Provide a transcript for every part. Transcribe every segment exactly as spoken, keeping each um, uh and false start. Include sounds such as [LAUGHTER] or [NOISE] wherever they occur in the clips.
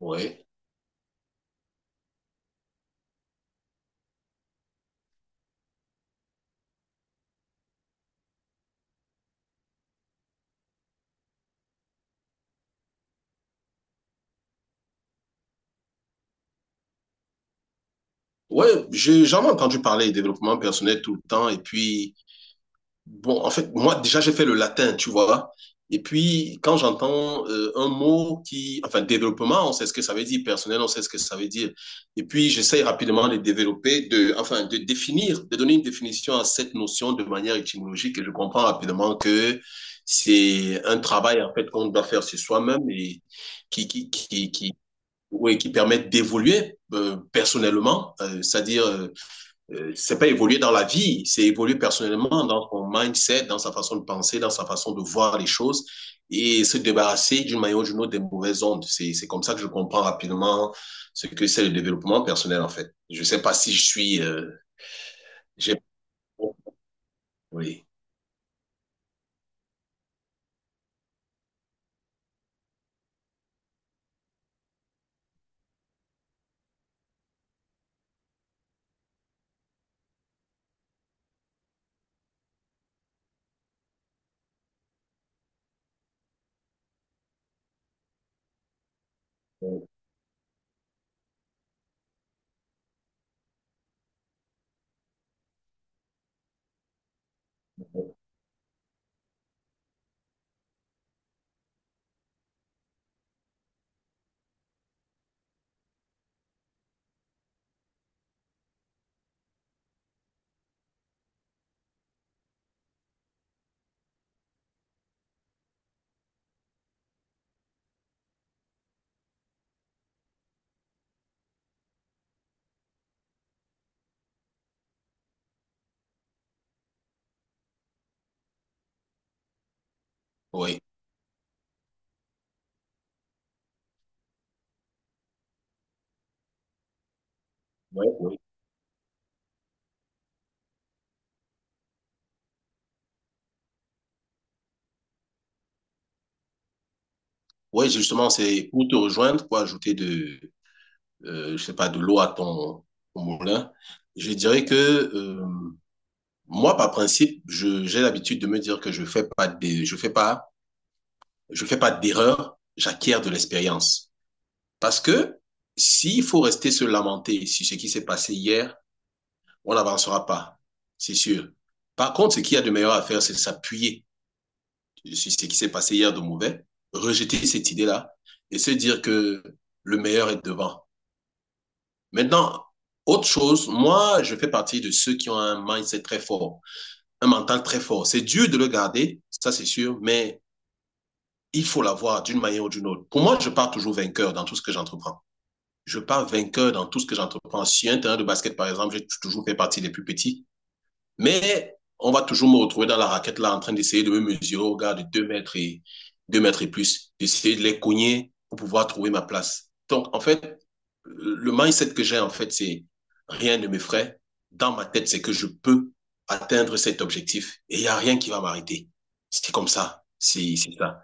Ouais. Ouais, j'ai jamais entendu parler de développement personnel tout le temps. Et puis, bon, en fait, moi, déjà, j'ai fait le latin, tu vois. Et puis, quand j'entends euh, un mot qui, enfin, développement, on sait ce que ça veut dire, personnel, on sait ce que ça veut dire. Et puis, j'essaye rapidement de développer, de, enfin, de définir, de donner une définition à cette notion de manière étymologique. Et je comprends rapidement que c'est un travail, en fait, qu'on doit faire sur soi-même et qui, qui, qui, qui oui, qui permettent d'évoluer euh, personnellement, euh, c'est-à-dire euh, euh, c'est pas évoluer dans la vie, c'est évoluer personnellement dans son mindset, dans sa façon de penser, dans sa façon de voir les choses et se débarrasser d'une manière ou d'une autre des mauvaises ondes. C'est c'est comme ça que je comprends rapidement ce que c'est le développement personnel en fait. Je sais pas si je suis euh, j'ai oui. Oui. Oui, oui. Oui, justement, c'est pour te rejoindre, pour ajouter de euh, je sais pas, de l'eau à ton, ton moulin, je dirais que euh, moi, par principe, je, j'ai l'habitude de me dire que je fais pas des, je fais pas, je fais pas d'erreur, j'acquiers de l'expérience. Parce que s'il faut rester se lamenter sur ce qui s'est passé hier, on n'avancera pas, c'est sûr. Par contre, ce qu'il y a de meilleur à faire, c'est s'appuyer sur ce qui s'est passé hier de mauvais, rejeter cette idée-là et se dire que le meilleur est devant. Maintenant, autre chose, moi, je fais partie de ceux qui ont un mindset très fort, un mental très fort. C'est dur de le garder, ça c'est sûr, mais il faut l'avoir d'une manière ou d'une autre. Pour moi, je pars toujours vainqueur dans tout ce que j'entreprends. Je pars vainqueur dans tout ce que j'entreprends. Si un terrain de basket, par exemple, j'ai toujours fait partie des plus petits, mais on va toujours me retrouver dans la raquette là en train d'essayer de me mesurer au gars de 2 mètres et deux mètres et plus, d'essayer de les cogner pour pouvoir trouver ma place. Donc en fait, le mindset que j'ai en fait, c'est rien ne m'effraie. Dans ma tête, c'est que je peux atteindre cet objectif et il n'y a rien qui va m'arrêter. C'est comme ça, c'est ça.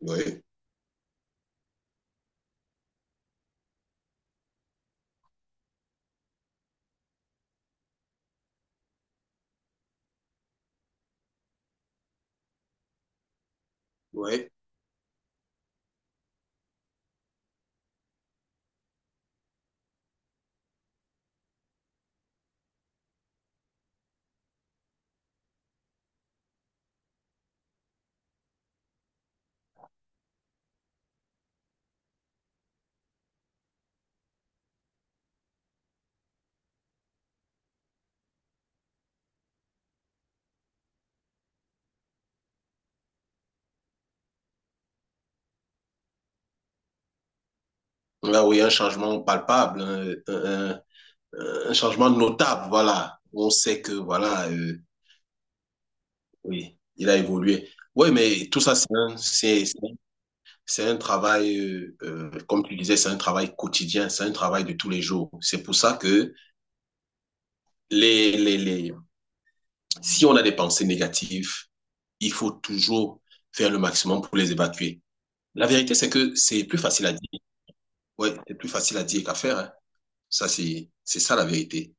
Oui, oui. Là où il y a un changement palpable, un, un, un changement notable, voilà. On sait que voilà, euh, Oui, il a évolué. Oui, mais tout ça, c'est un, c'est- c'est- un c'est un travail, euh, euh, comme tu disais, c'est un travail quotidien, c'est un travail de tous les jours. C'est pour ça que les, les, les, si on a des pensées négatives, il faut toujours faire le maximum pour les évacuer. La vérité, c'est que c'est plus facile à dire. Oui, c'est plus facile à dire qu'à faire, hein. Ça, c'est, c'est ça la vérité.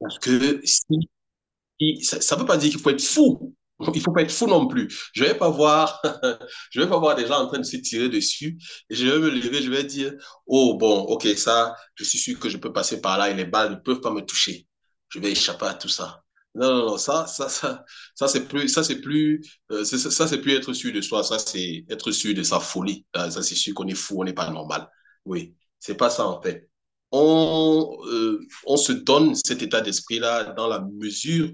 Parce que si Et ça ne veut pas dire qu'il faut être fou. Il ne faut pas être fou non plus. Je ne vais pas voir, [LAUGHS] je vais pas voir des gens en train de se tirer dessus. Et je vais me lever, je vais dire, oh bon, ok, ça, je suis sûr que je peux passer par là et les balles ne peuvent pas me toucher. Je vais échapper à tout ça. Non, non, non, ça, ça, ça, ça c'est plus, ça c'est plus, euh, ça, ça, c'est plus être sûr de soi. Ça c'est être sûr de sa folie. Ah, ça c'est sûr qu'on est fou, on n'est pas normal. Oui, c'est pas ça en fait. On, euh, on se donne cet état d'esprit-là dans la mesure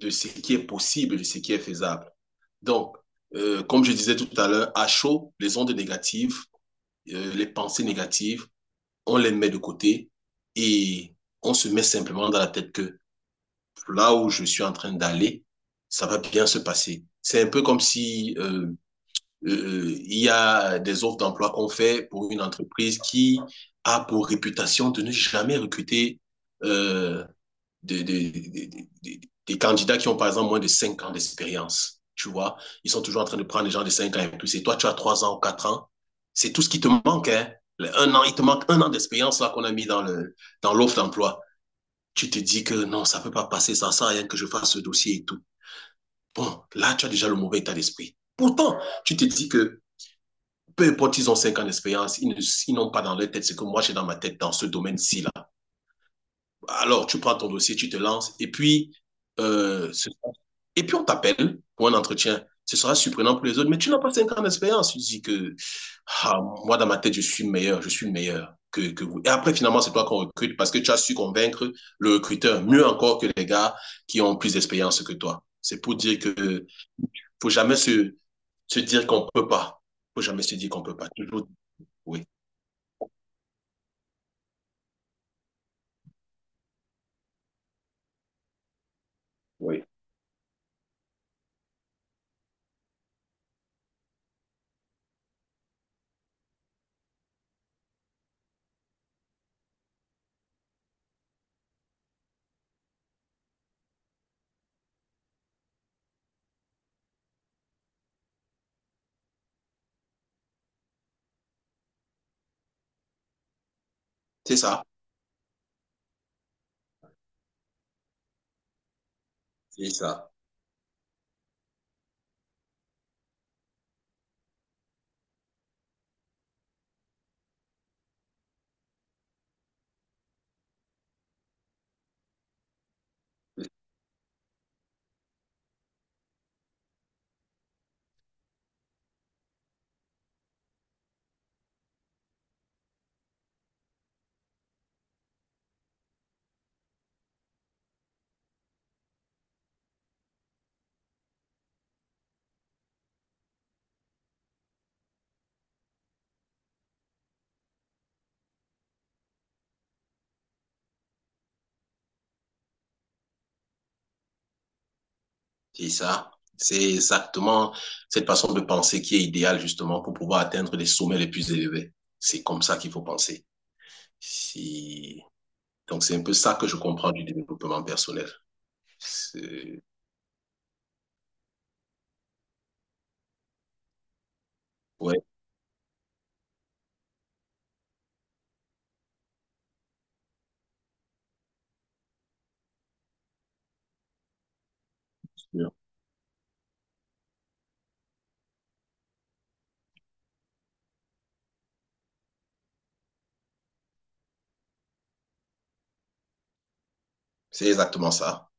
de ce qui est possible, de ce qui est faisable. Donc, euh, comme je disais tout à l'heure, à chaud, les ondes négatives, euh, les pensées négatives, on les met de côté et on se met simplement dans la tête que là où je suis en train d'aller, ça va bien se passer. C'est un peu comme si euh, euh, il y a des offres d'emploi qu'on fait pour une entreprise qui a pour réputation de ne jamais recruter euh, des, des, des, des des candidats qui ont, par exemple, moins de cinq ans d'expérience. Tu vois, ils sont toujours en train de prendre des gens de cinq ans et plus. Et toi, tu as trois ans ou quatre ans. C'est tout ce qui te manque, hein. Un an, il te manque un an d'expérience là qu'on a mis dans le dans l'offre d'emploi. Tu te dis que non, ça peut pas passer, ça sert à rien que je fasse ce dossier et tout. Bon, là, tu as déjà le mauvais état d'esprit. Pourtant, tu te dis que peu importe, ils ont cinq ans d'expérience, ils n'ont pas dans leur tête ce que moi j'ai dans ma tête dans ce domaine-ci là. Alors, tu prends ton dossier, tu te lances, et puis, euh, ce- et puis on t'appelle pour un entretien. Ce sera surprenant pour les autres, mais tu n'as pas cinq ans d'expérience. Tu dis que, ah, moi, dans ma tête, je suis meilleur, je suis meilleur que, que vous. Et après, finalement, c'est toi qu'on recrute parce que tu as su convaincre le recruteur, mieux encore que les gars qui ont plus d'expérience que toi. C'est pour dire que faut jamais se, se dire qu'on peut pas. Faut jamais se dire qu'on peut pas. Toujours, oui. C'est ça. C'est ça. C'est ça. C'est exactement cette façon de penser qui est idéale justement pour pouvoir atteindre les sommets les plus élevés. C'est comme ça qu'il faut penser. Si... Donc c'est un peu ça que je comprends du développement personnel. C'est ouais, c'est exactement ça.